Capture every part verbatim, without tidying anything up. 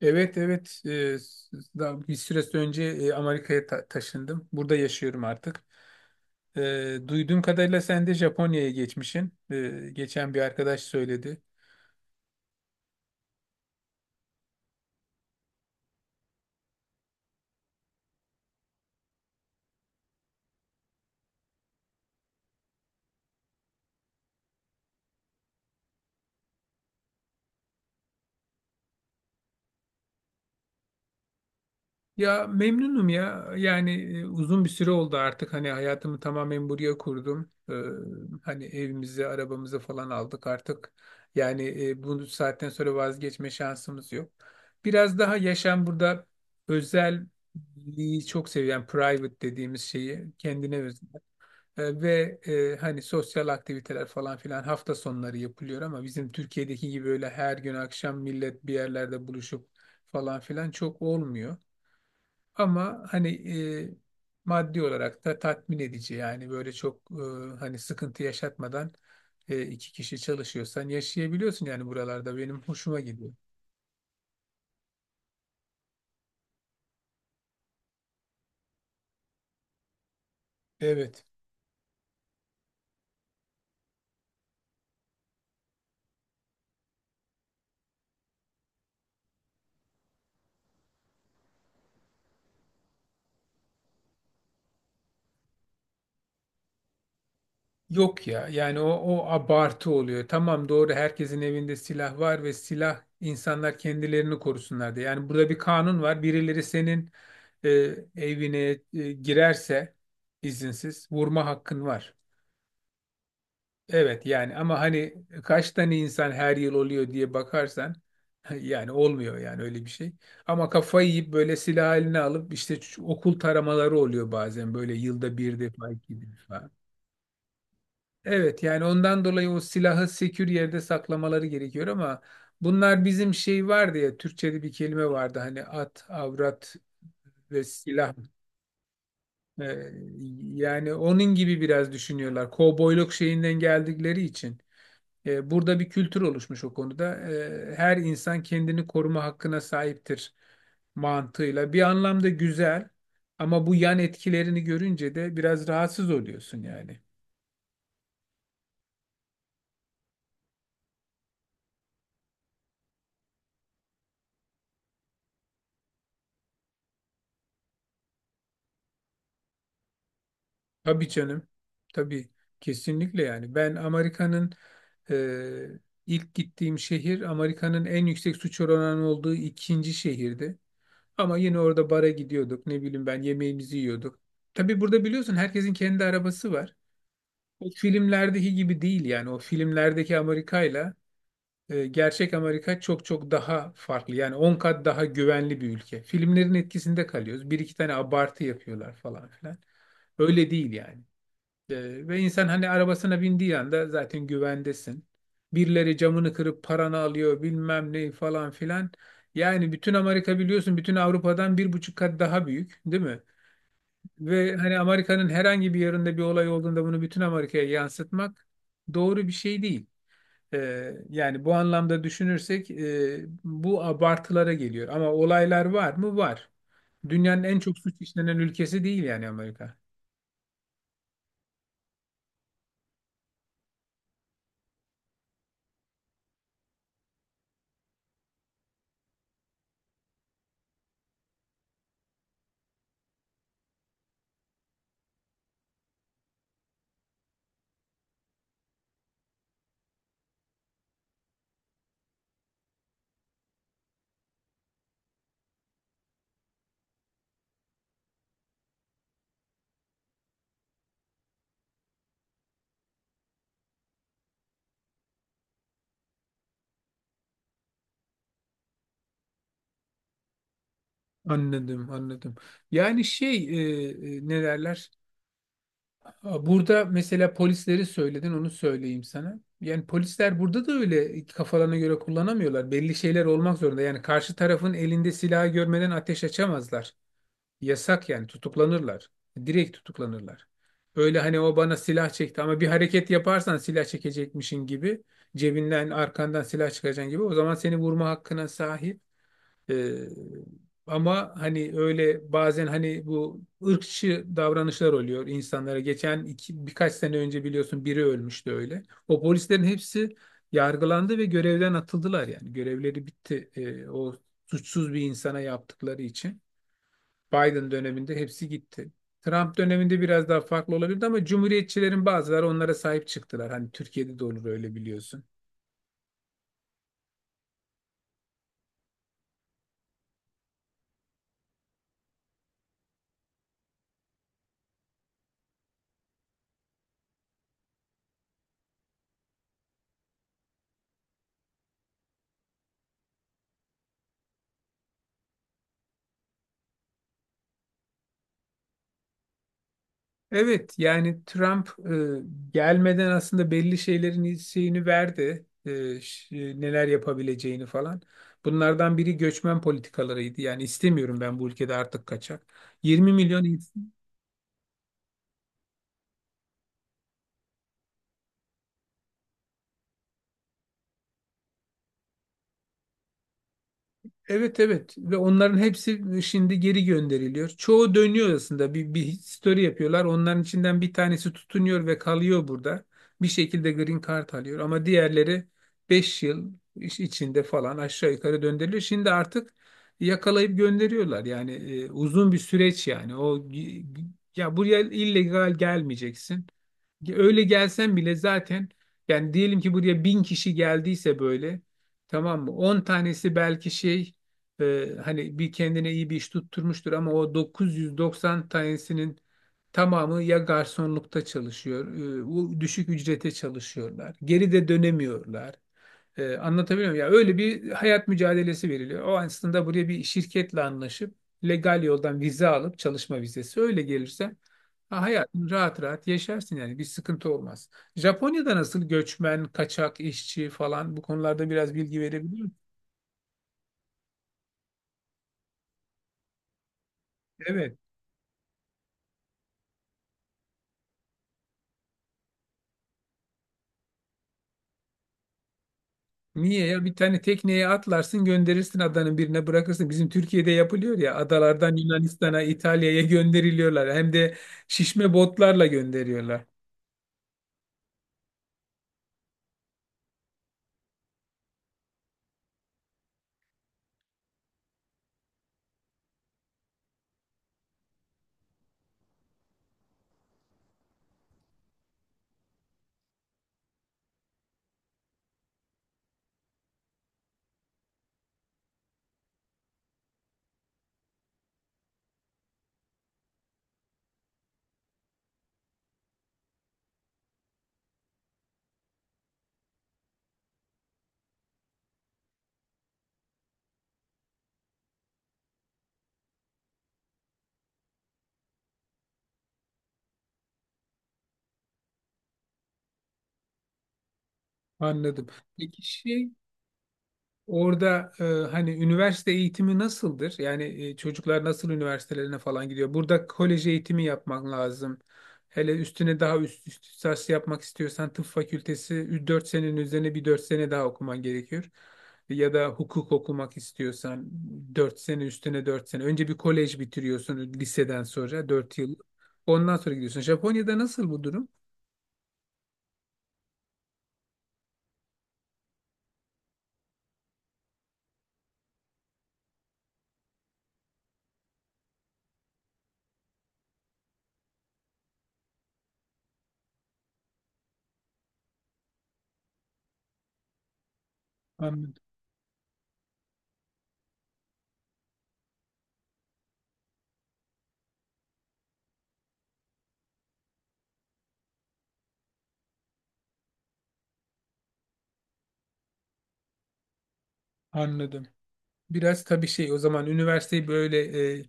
Evet evet. Ee, s- daha bir süre önce e, Amerika'ya ta- taşındım. Burada yaşıyorum artık. Ee, duyduğum kadarıyla sen de Japonya'ya geçmişsin. Ee, geçen bir arkadaş söyledi. Ya memnunum ya. Yani e, uzun bir süre oldu artık hani hayatımı tamamen buraya kurdum. Ee, hani evimizi, arabamızı falan aldık artık. Yani e, bu saatten sonra vazgeçme şansımız yok. Biraz daha yaşam burada özelliği çok seviyen private dediğimiz şeyi kendine özel. E, ve e, hani sosyal aktiviteler falan filan hafta sonları yapılıyor ama bizim Türkiye'deki gibi öyle her gün akşam millet bir yerlerde buluşup falan filan çok olmuyor. Ama hani e, maddi olarak da tatmin edici yani böyle çok e, hani sıkıntı yaşatmadan e, iki kişi çalışıyorsan yaşayabiliyorsun yani buralarda benim hoşuma gidiyor. Evet. Yok ya yani o, o abartı oluyor. Tamam doğru herkesin evinde silah var ve silah insanlar kendilerini korusunlar diye. Yani burada bir kanun var. Birileri senin e, evine e, girerse izinsiz vurma hakkın var. Evet yani ama hani e, kaç tane insan her yıl oluyor diye bakarsan yani olmuyor yani öyle bir şey. Ama kafayı yiyip böyle silah eline alıp işte şu okul taramaları oluyor bazen böyle yılda bir defa iki defa. Evet yani ondan dolayı o silahı sekür yerde saklamaları gerekiyor ama bunlar bizim şey vardı ya Türkçe'de bir kelime vardı hani at, avrat ve silah. Ee, yani onun gibi biraz düşünüyorlar. Kovboyluk şeyinden geldikleri için. E, burada bir kültür oluşmuş o konuda. E, her insan kendini koruma hakkına sahiptir mantığıyla. Bir anlamda güzel ama bu yan etkilerini görünce de biraz rahatsız oluyorsun yani. Tabii canım. Tabii kesinlikle yani. Ben Amerika'nın e, ilk gittiğim şehir Amerika'nın en yüksek suç oranı olduğu ikinci şehirdi. Ama yine orada bara gidiyorduk. Ne bileyim ben yemeğimizi yiyorduk. Tabii burada biliyorsun herkesin kendi arabası var. o filmlerdeki gibi değil yani o filmlerdeki Amerika'yla e, gerçek Amerika çok çok daha farklı. Yani on kat daha güvenli bir ülke. Filmlerin etkisinde kalıyoruz. Bir iki tane abartı yapıyorlar falan filan. Öyle değil yani. E, ve insan hani arabasına bindiği anda zaten güvendesin. Birileri camını kırıp paranı alıyor bilmem ne falan filan. Yani bütün Amerika biliyorsun bütün Avrupa'dan bir buçuk kat daha büyük, değil mi? Ve hani Amerika'nın herhangi bir yerinde bir olay olduğunda bunu bütün Amerika'ya yansıtmak doğru bir şey değil. Ee, yani bu anlamda düşünürsek e, bu abartılara geliyor. Ama olaylar var mı? Var. Dünyanın en çok suç işlenen ülkesi değil yani Amerika. Anladım, anladım. Yani şey e, e, ne derler? Burada mesela polisleri söyledin, onu söyleyeyim sana. Yani polisler burada da öyle kafalarına göre kullanamıyorlar. Belli şeyler olmak zorunda. Yani karşı tarafın elinde silahı görmeden ateş açamazlar. Yasak yani tutuklanırlar. Direkt tutuklanırlar. Öyle hani o bana silah çekti ama bir hareket yaparsan silah çekecekmişin gibi cebinden arkandan silah çıkacaksın gibi o zaman seni vurma hakkına sahip. Ee, ama hani öyle bazen hani bu ırkçı davranışlar oluyor insanlara. Geçen iki, birkaç sene önce biliyorsun biri ölmüştü öyle. O polislerin hepsi yargılandı ve görevden atıldılar yani. Görevleri bitti. Ee, o suçsuz bir insana yaptıkları için. Biden döneminde hepsi gitti. Trump döneminde biraz daha farklı olabilirdi ama cumhuriyetçilerin bazıları onlara sahip çıktılar. Hani Türkiye'de de olur öyle biliyorsun. Evet yani Trump e, gelmeden aslında belli şeylerin şeyini verdi. E, ş- e, neler yapabileceğini falan. Bunlardan biri göçmen politikalarıydı. Yani istemiyorum ben bu ülkede artık kaçak. yirmi milyon. Evet evet ve onların hepsi şimdi geri gönderiliyor. Çoğu dönüyor aslında bir, bir story yapıyorlar. Onların içinden bir tanesi tutunuyor ve kalıyor burada. Bir şekilde green card alıyor ama diğerleri beş yıl iş- içinde falan aşağı yukarı döndürülüyor. Şimdi artık yakalayıp gönderiyorlar. Yani e, uzun bir süreç yani. O y- ya buraya illegal gelmeyeceksin. Öyle gelsen bile zaten yani diyelim ki buraya bin kişi geldiyse böyle, tamam mı? On tanesi belki şey e, hani bir kendine iyi bir iş tutturmuştur ama o dokuz yüz doksan tanesinin tamamı ya garsonlukta çalışıyor, e, o düşük ücrete çalışıyorlar. Geri de dönemiyorlar. Ee, anlatabiliyor muyum? Ya öyle bir hayat mücadelesi veriliyor. O aslında buraya bir şirketle anlaşıp legal yoldan vize alıp çalışma vizesi öyle gelirse ha, hayatını rahat rahat yaşarsın yani bir sıkıntı olmaz. Japonya'da nasıl göçmen, kaçak işçi falan bu konularda biraz bilgi verebilir misin? Evet. Niye ya bir tane tekneye atlarsın gönderirsin adanın birine bırakırsın. Bizim Türkiye'de yapılıyor ya adalardan Yunanistan'a, İtalya'ya gönderiliyorlar. Hem de şişme botlarla gönderiyorlar. Anladım. Peki şey, orada e, hani üniversite eğitimi nasıldır? Yani e, çocuklar nasıl üniversitelerine falan gidiyor? Burada kolej eğitimi yapman lazım. Hele üstüne daha üst, üst lisans yapmak istiyorsan tıp fakültesi dört senenin üzerine bir dört sene daha okuman gerekiyor. Ya da hukuk okumak istiyorsan dört sene üstüne dört sene. Önce bir kolej bitiriyorsun liseden sonra dört yıl. Ondan sonra gidiyorsun. Japonya'da nasıl bu durum? Anladım. Anladım. biraz tabii şey o zaman üniversiteyi böyle e,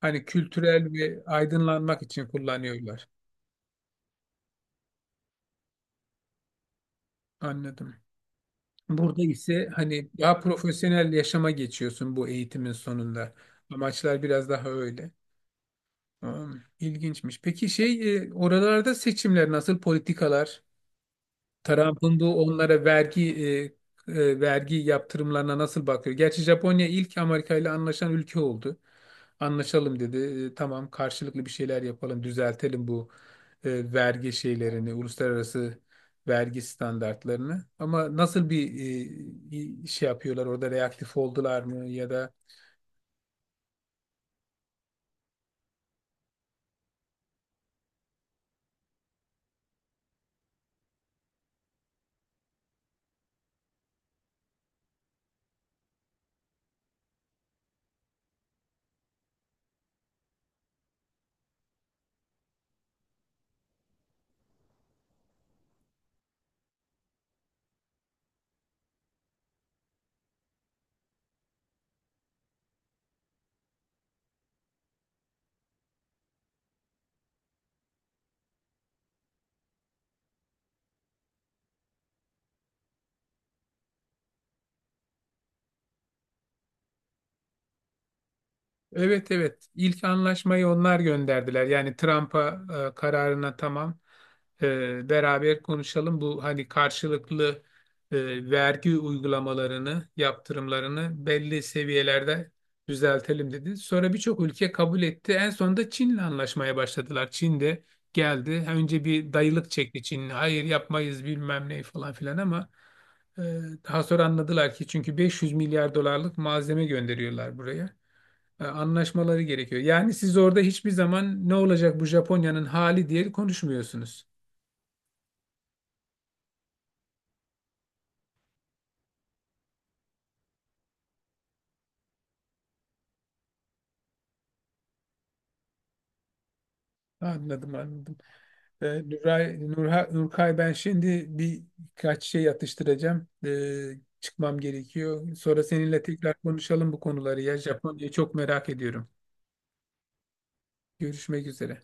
hani kültürel ve aydınlanmak için kullanıyorlar. Anladım. Burada ise hani daha profesyonel yaşama geçiyorsun bu eğitimin sonunda. Amaçlar biraz daha öyle. Tamam. İlginçmiş. Peki şey e, oralarda seçimler nasıl politikalar? Trump'ın bu onlara vergi e, e, vergi yaptırımlarına nasıl bakıyor? Gerçi Japonya ilk Amerika ile anlaşan ülke oldu. Anlaşalım dedi. E, tamam karşılıklı bir şeyler yapalım, düzeltelim bu e, vergi şeylerini, uluslararası vergi standartlarını. Ama nasıl bir e, şey yapıyorlar orada reaktif oldular mı ya da? Evet evet ilk anlaşmayı onlar gönderdiler. Yani Trump'a e, kararına tamam, e, beraber konuşalım. Bu hani karşılıklı e, vergi uygulamalarını, yaptırımlarını belli seviyelerde düzeltelim dedi. Sonra birçok ülke kabul etti. En sonunda Çin'le anlaşmaya başladılar. Çin de geldi. Ha, önce bir dayılık çekti Çin. Hayır yapmayız bilmem ne falan filan ama e, daha sonra anladılar ki çünkü beş yüz milyar dolarlık malzeme gönderiyorlar buraya, e, anlaşmaları gerekiyor. Yani siz orada hiçbir zaman ne olacak bu Japonya'nın hali diye konuşmuyorsunuz. Anladım, anladım. E, Nuray, Nurha, Nurkay ben şimdi birkaç şey atıştıracağım. E, çıkmam gerekiyor. Sonra seninle tekrar konuşalım bu konuları ya. Japonya'yı çok merak ediyorum. Görüşmek üzere.